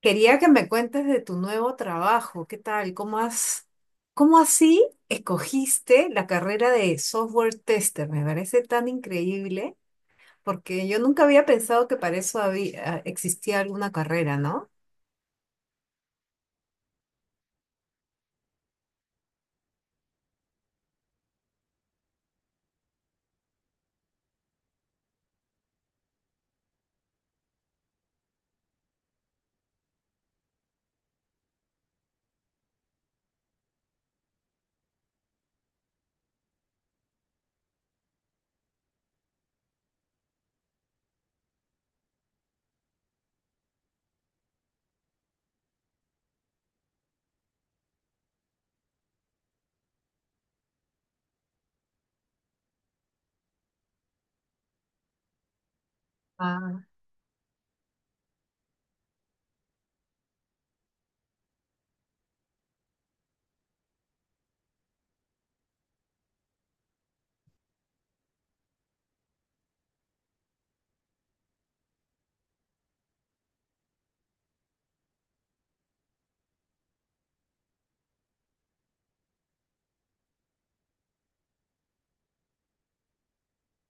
Quería que me cuentes de tu nuevo trabajo. ¿Qué tal? ¿Cómo así escogiste la carrera de software tester? Me parece tan increíble porque yo nunca había pensado que para eso existía alguna carrera, ¿no?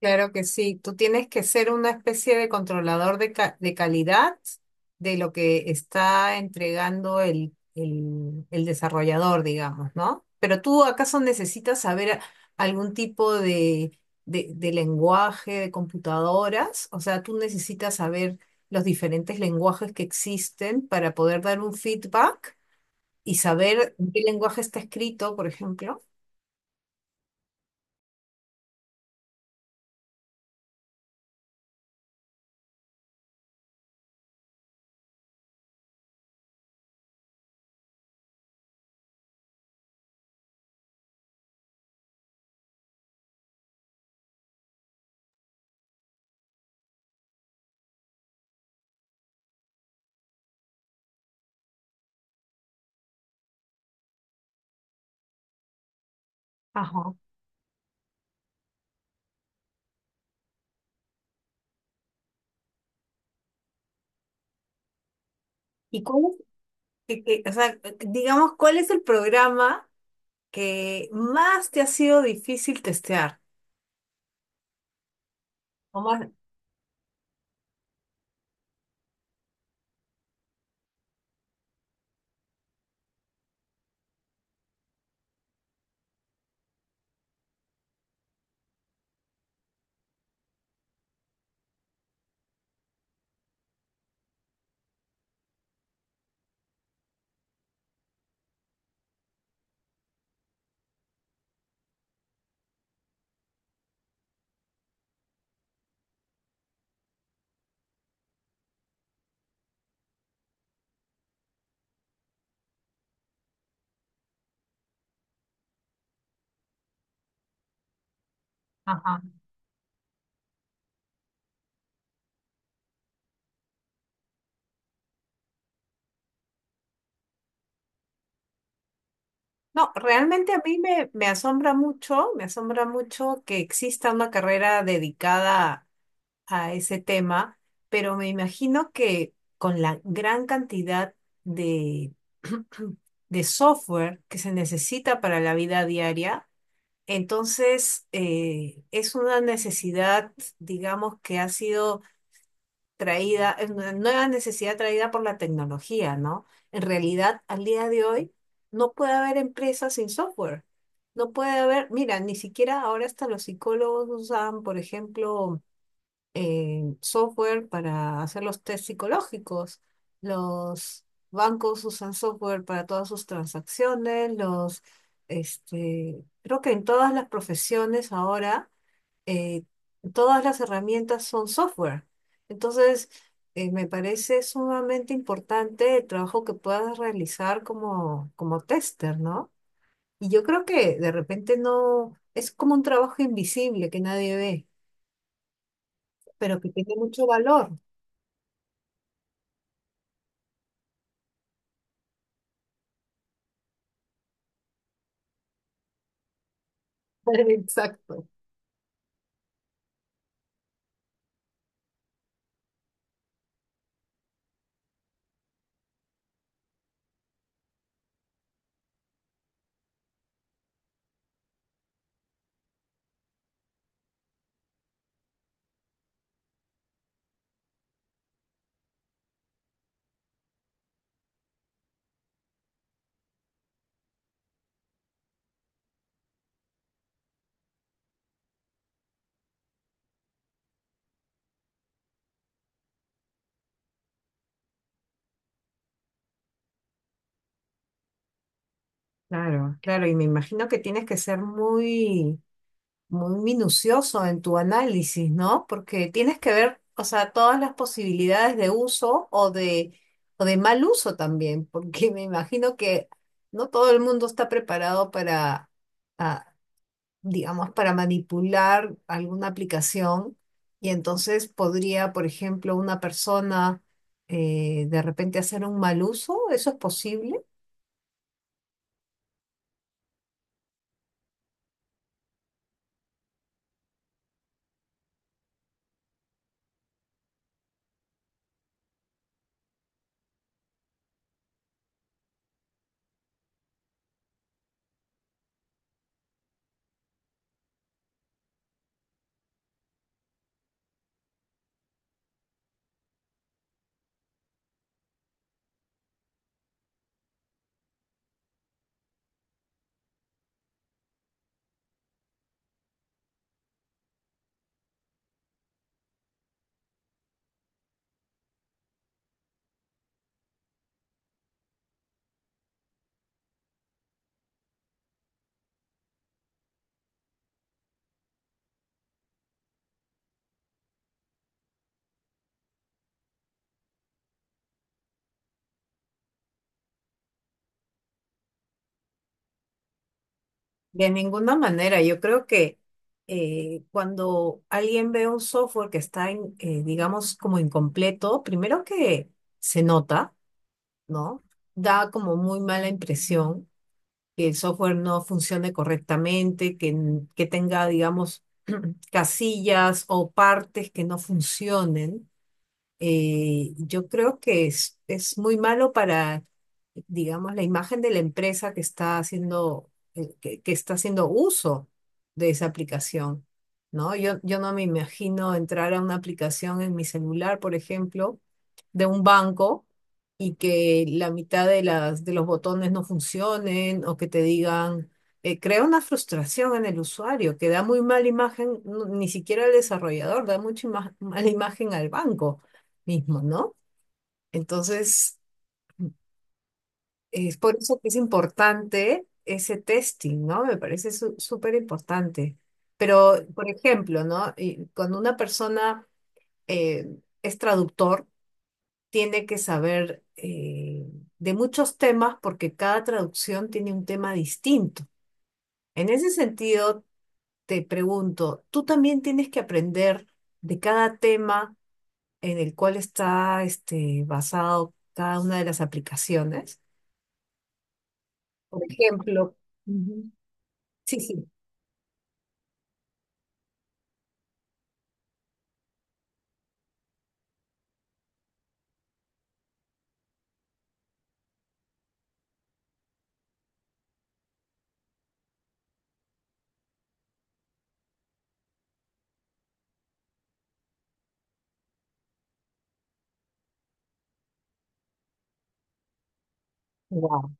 Claro que sí, tú tienes que ser una especie de de calidad de lo que está entregando el desarrollador, digamos, ¿no? Pero tú acaso necesitas saber algún tipo de lenguaje de computadoras, o sea, tú necesitas saber los diferentes lenguajes que existen para poder dar un feedback y saber en qué lenguaje está escrito, por ejemplo. Ajá. ¿Y cuál o sea, digamos, ¿cuál es el programa que más te ha sido difícil testear? O más- Ajá. No, realmente a me asombra mucho que exista una carrera dedicada a ese tema, pero me imagino que con la gran cantidad de, de software que se necesita para la vida diaria, entonces es una necesidad, digamos, que ha sido traída, es una nueva necesidad traída por la tecnología, ¿no? En realidad, al día de hoy, no puede haber empresas sin software. No puede haber, mira, ni siquiera ahora hasta los psicólogos usan, por ejemplo, software para hacer los test psicológicos. Los bancos usan software para todas sus transacciones, los, este, creo que en todas las profesiones ahora eh, todas las herramientas son software. Entonces, me parece sumamente importante el trabajo que puedas realizar como, como tester, ¿no? Y yo creo que de repente no, es como un trabajo invisible que nadie ve, pero que tiene mucho valor. Exacto. Claro, claro, y me imagino que tienes que ser muy muy minucioso en tu análisis, ¿no? Porque tienes que ver, o sea, todas las posibilidades de uso o de mal uso también, porque me imagino que no todo el mundo está preparado para, ah, digamos, para manipular alguna aplicación y entonces podría, por ejemplo, una persona de repente hacer un mal uso, ¿eso es posible? De ninguna manera, yo creo que cuando alguien ve un software que digamos, como incompleto, primero que se nota, ¿no? Da como muy mala impresión que el software no funcione correctamente, que tenga, digamos, casillas o partes que no funcionen yo creo que es muy malo para, digamos, la imagen de la empresa que está haciendo, que está haciendo uso de esa aplicación, ¿no? Yo no me imagino entrar a una aplicación en mi celular, por ejemplo de un banco y que la mitad de de los botones no funcionen o que te digan, crea una frustración en el usuario que da muy mala imagen, ni siquiera al desarrollador, da mucha mala imagen al banco mismo, ¿no? Entonces, es por eso que es importante ese testing, ¿no? Me parece súper importante. Pero, por ejemplo, ¿no? Y cuando una persona eh, es traductor, tiene que saber de muchos temas porque cada traducción tiene un tema distinto. En ese sentido, te pregunto, tú también tienes que aprender de cada tema en el cual está este, basado cada una de las aplicaciones. Por ejemplo, Ujú. Sí, sí, wow.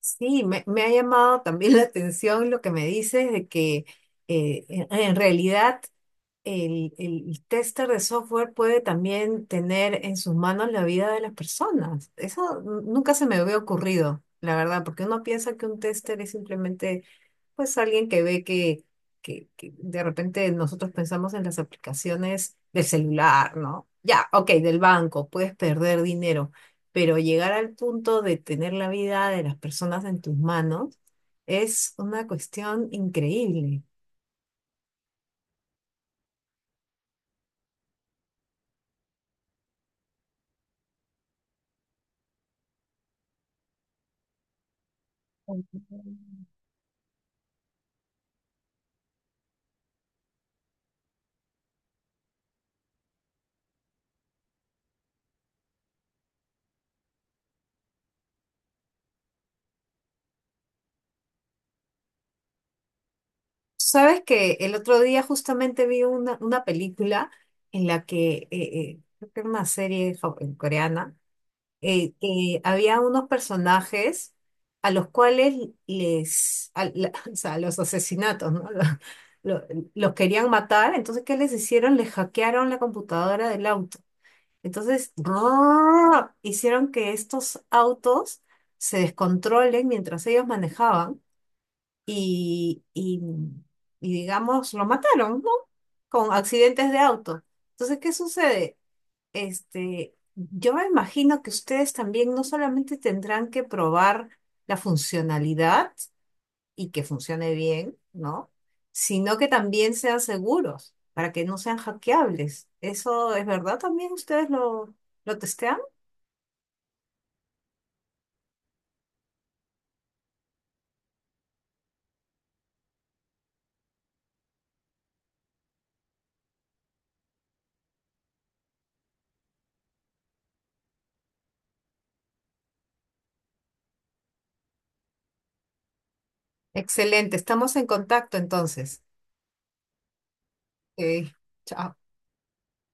Sí, me ha llamado también la atención lo que me dices de que en realidad el tester de software puede también tener en sus manos la vida de las personas. Eso nunca se me había ocurrido, la verdad, porque uno piensa que un tester es simplemente pues alguien que ve que de repente nosotros pensamos en las aplicaciones del celular, ¿no? Ya, ok, del banco, puedes perder dinero, pero llegar al punto de tener la vida de las personas en tus manos es una cuestión increíble. Sabes que el otro día justamente vi una película en la que, creo que era una serie coreana, que había unos personajes a los cuales o sea, los asesinatos, ¿no? Lo- los querían matar, entonces ¿qué les hicieron? Les hackearon la computadora del auto. Entonces, hicieron que estos autos se descontrolen mientras ellos manejaban y, y, y, digamos, lo mataron, ¿no? Con accidentes de auto. Entonces, ¿qué sucede? Este, yo me imagino que ustedes también no solamente tendrán que probar la funcionalidad y que funcione bien, ¿no? Sino que también sean seguros para que no sean hackeables. ¿Eso es verdad también? ¿Ustedes lo testean? Excelente, estamos en contacto entonces. Ok, chao.